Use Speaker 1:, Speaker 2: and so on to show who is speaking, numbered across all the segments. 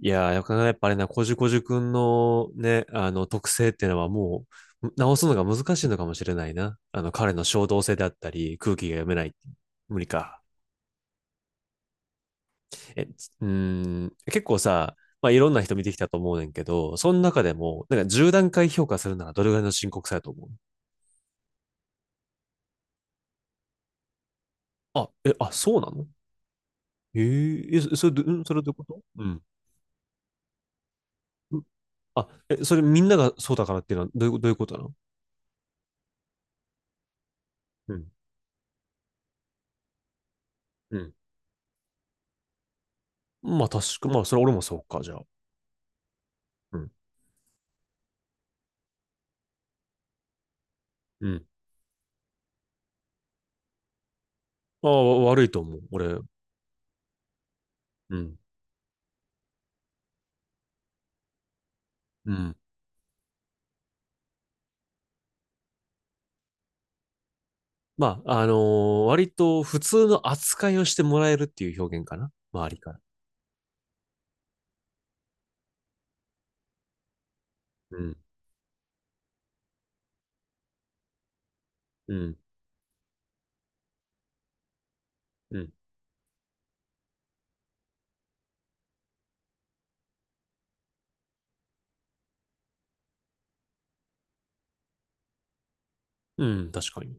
Speaker 1: いやー、なかなかやっぱあれな、こじゅくんのね、あの特性っていうのはもう直すのが難しいのかもしれないな。あの彼の衝動性であったり、空気が読めない。無理か。え、つうーん、結構さ、まあいろんな人見てきたと思うねんけど、その中でも、なんか10段階評価するならどれぐらいの深刻さやと思う？あ、え、あ、そうなの？え、それどういうこと？うん。んえ、それみんながそうだからっていうのはどういう、ことなの？うん。うん。まあ確か、まあそれ俺もそうか、じゃあ。うん。うん。ああ、悪いと思う、俺。うん。うん。まあ、割と普通の扱いをしてもらえるっていう表現かな。周りから。うん。うん。うん。うん、確かに。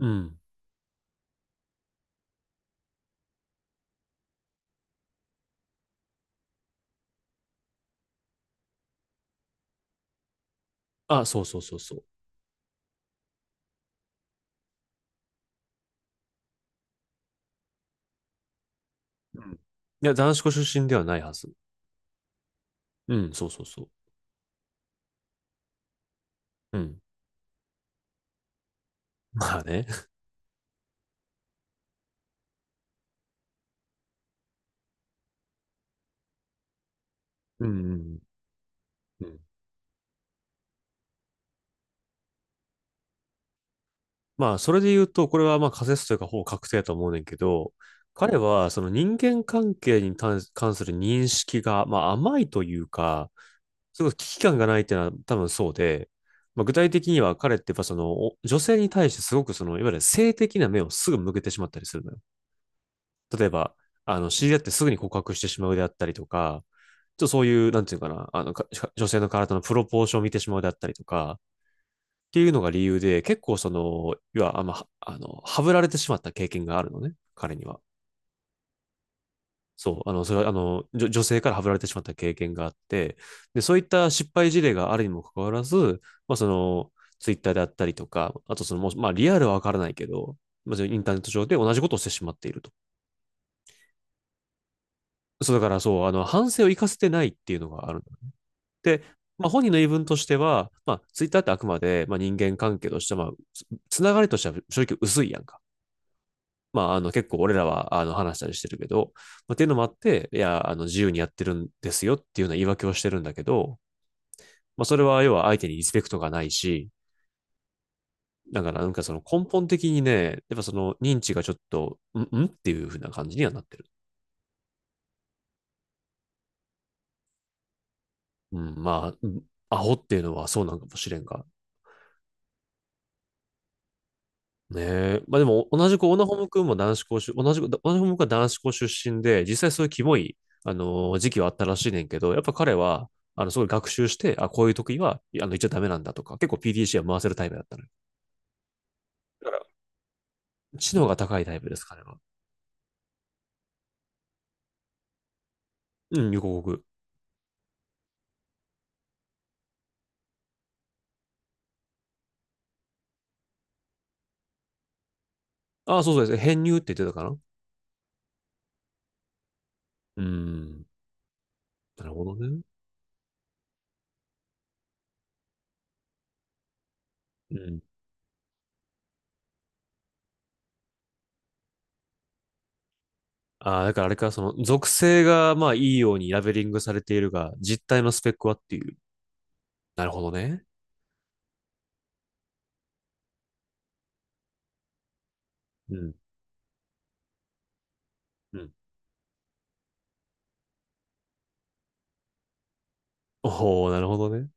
Speaker 1: うん。あ、そうそうそうそう。うん。いや、男子校出身ではないはず。うん、そうそうそう。うん。まあね。うん、うん、うん。まあ、それで言うと、これはまあ仮説というかほぼ確定だと思うねんけど、彼はその人間関係に関する認識が、まあ、甘いというか、すごい危機感がないっていうのは多分そうで、まあ、具体的には彼ってやっぱその女性に対してすごくそのいわゆる性的な目をすぐ向けてしまったりするのよ。例えば、あの知り合ってすぐに告白してしまうであったりとか、ちょっとそういう、なんていうかな、あの女性の体のプロポーションを見てしまうであったりとか、っていうのが理由で、結構その、要はあんま、あの、はぶられてしまった経験があるのね、彼には。そう、あの、それは、あの、女性からはぶられてしまった経験があって、で、そういった失敗事例があるにもかかわらず、まあ、その、ツイッターであったりとか、あとその、もうまあ、リアルはわからないけど、まあ、そのインターネット上で同じことをしてしまっていると。そう、だからそう、あの、反省を生かせてないっていうのがあるんだ。で、まあ、本人の言い分としては、まあ、ツイッターってあくまで、まあ、人間関係として、まあ、つながりとしては正直薄いやんか。まあ、あの、結構俺らは、あの、話したりしてるけど、まあ、っていうのもあって、いや、あの、自由にやってるんですよっていうような言い訳をしてるんだけど、まあ、それは要は相手にリスペクトがないし、だからなんかその根本的にね、やっぱその認知がちょっと、んんっていう風な感じにはなってる。うん、まあ、アホっていうのはそうなんかもしれんが、ねえ。まあでも、同じくオナホム君も男子校出、同じく、オナホム君は男子校出身で、実際そういうキモい、時期はあったらしいねんけど、やっぱ彼は、あの、すごい学習して、あ、こういう時は、あの、言っちゃダメなんだとか、結構 PDCA は回せるタイプだったのよ。だから、知能が高いタイプです、彼は。うん、横国。あ、そうそうです。編入って言ってたかな？うん。なるほどね。うん。ああ、だからあれか、その、属性が、まあ、いいようにラベリングされているが、実態のスペックはっていう。なるほどね。うん。うん。おお、なるほどね。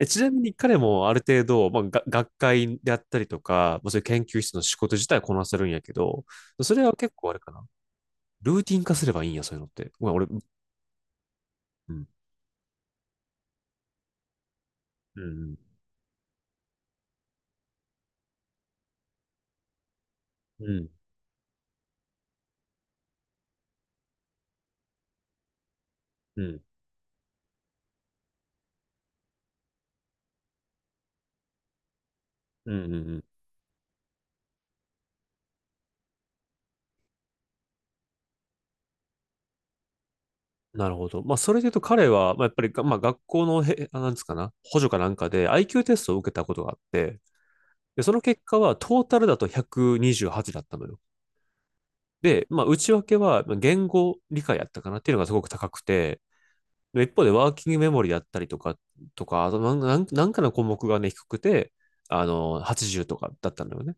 Speaker 1: え、ちなみに彼もある程度、まあ、学会であったりとか、まあ、そういう研究室の仕事自体はこなせるんやけど、それは結構あれかな。ルーティン化すればいいんや、そういうのって。ごめん、俺、うん、うん、うん、うん、うん、うん、うん。なるほど。まあ、それで言うと彼は、まあ、やっぱり、まあ、学校のなんですかな、補助かなんかで IQ テストを受けたことがあって、で、その結果はトータルだと128だったのよ。で、まあ、内訳はまあ言語理解やったかなっていうのがすごく高くて、で一方でワーキングメモリだったりとか、あとなんかの項目がね、低くて、あの、80とかだったんだよね。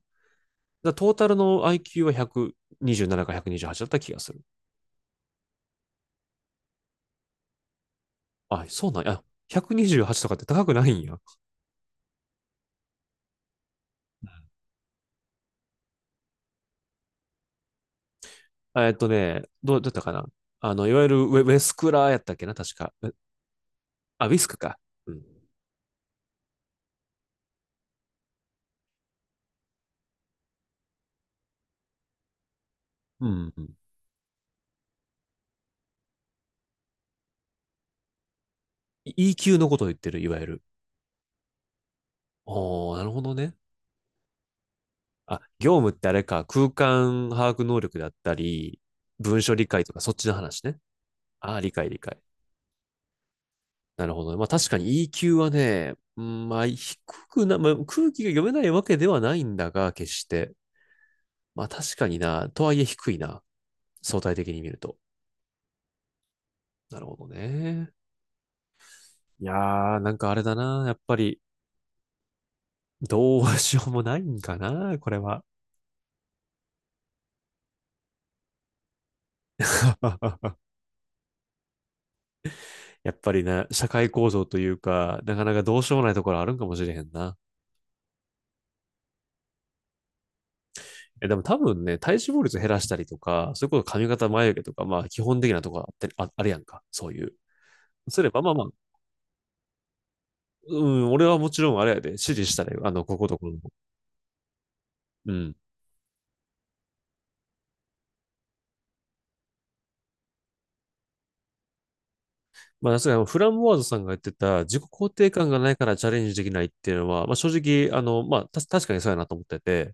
Speaker 1: トータルの IQ は127か128だった気がする。あ、そうなんや。128とかって高くないんや。えっとね、どうだったかな。あの、いわゆるウェスクラーやったっけな、確か。あ、ウィスクか。うん。うん、うん。EQ のことを言ってる、いわゆる。おー、なるほどね。あ、業務ってあれか、空間把握能力だったり、文書理解とか、そっちの話ね。ああ、理解理解。なるほどね。まあ確かに EQ はね、うんまあ低くな、まあ、空気が読めないわけではないんだが、決して。まあ確かにな、とはいえ低いな。相対的に見ると。なるほどね。いやー、なんかあれだな。やっぱり、どうしようもないんかな、これは。やっぱりね、社会構造というか、なかなかどうしようもないところあるんかもしれへんな。え、でも多分ね、体脂肪率減らしたりとか、そういうこと髪型眉毛とか、まあ基本的なところあって、あ、あるやんか。そういう。すれば、まあまあ、うん、俺はもちろんあれやで、指示したね。あの、こことこの。うん。まあ、さすがにフランボワーズさんが言ってた、自己肯定感がないからチャレンジできないっていうのは、まあ、正直、あの、まあ、確かにそうやなと思ってて、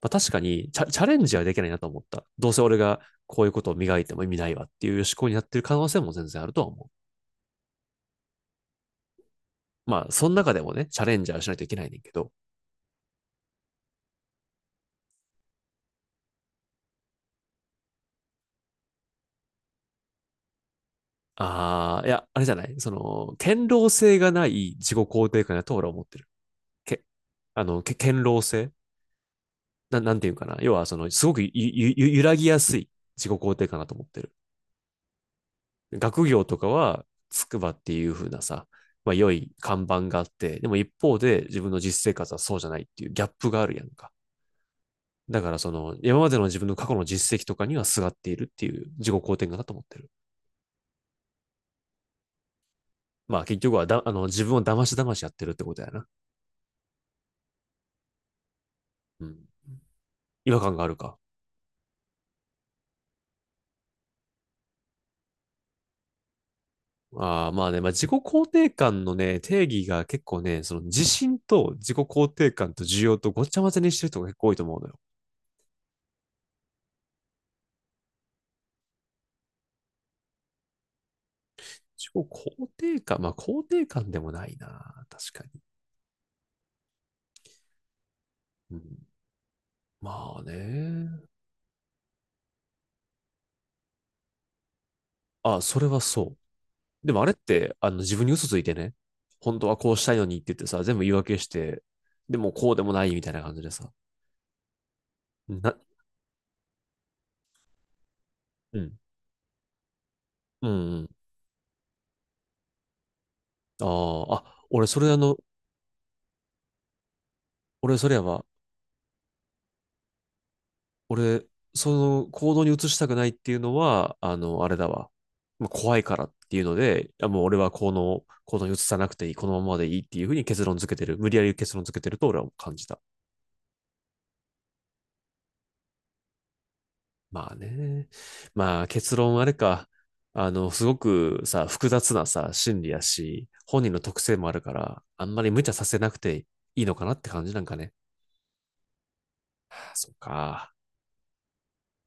Speaker 1: まあ、確かにチャレンジはできないなと思った。どうせ俺がこういうことを磨いても意味ないわっていう思考になってる可能性も全然あるとは思う。まあ、その中でもね、チャレンジはしないといけないねんけど。ああ、いや、あれじゃないその、堅牢性がない自己肯定感だと俺は思ってる。け、あの、け、堅牢性、なんていうかな。要は、その、すごくゆゆゆ揺らぎやすい自己肯定感だと思ってる。学業とかは、筑波っていう風なさ、まあ、良い看板があって、でも一方で自分の実生活はそうじゃないっていうギャップがあるやんか。だからその、今までの自分の過去の実績とかにはすがっているっていう自己肯定感だと思ってる。まあ結局は、あの、自分を騙し騙しやってるってことやな。うん。違和感があるか。ああ、まあね、まあ、自己肯定感のね、定義が結構ね、その自信と自己肯定感と需要とごっちゃ混ぜにしてる人が結構多いと思うのよ。自己肯定感、まあ肯定感でもないな、確かに。うん、まあね。あ、それはそう。でもあれって、あの自分に嘘ついてね、本当はこうしたいのにって言ってさ、全部言い訳して、でもこうでもないみたいな感じでさ。な、うん、うん、うん。あーあ、俺それやわ。俺、その行動に移したくないっていうのは、あの、あれだわ。まあ怖いからっていうので、もう俺はこの行動に移さなくていい、このままでいいっていうふうに結論付けてる。無理やり結論付けてると俺は感じた。まあね。まあ結論あれか。あの、すごくさ、複雑なさ、心理やし、本人の特性もあるから、あんまり無茶させなくていいのかなって感じなんかね。そうか。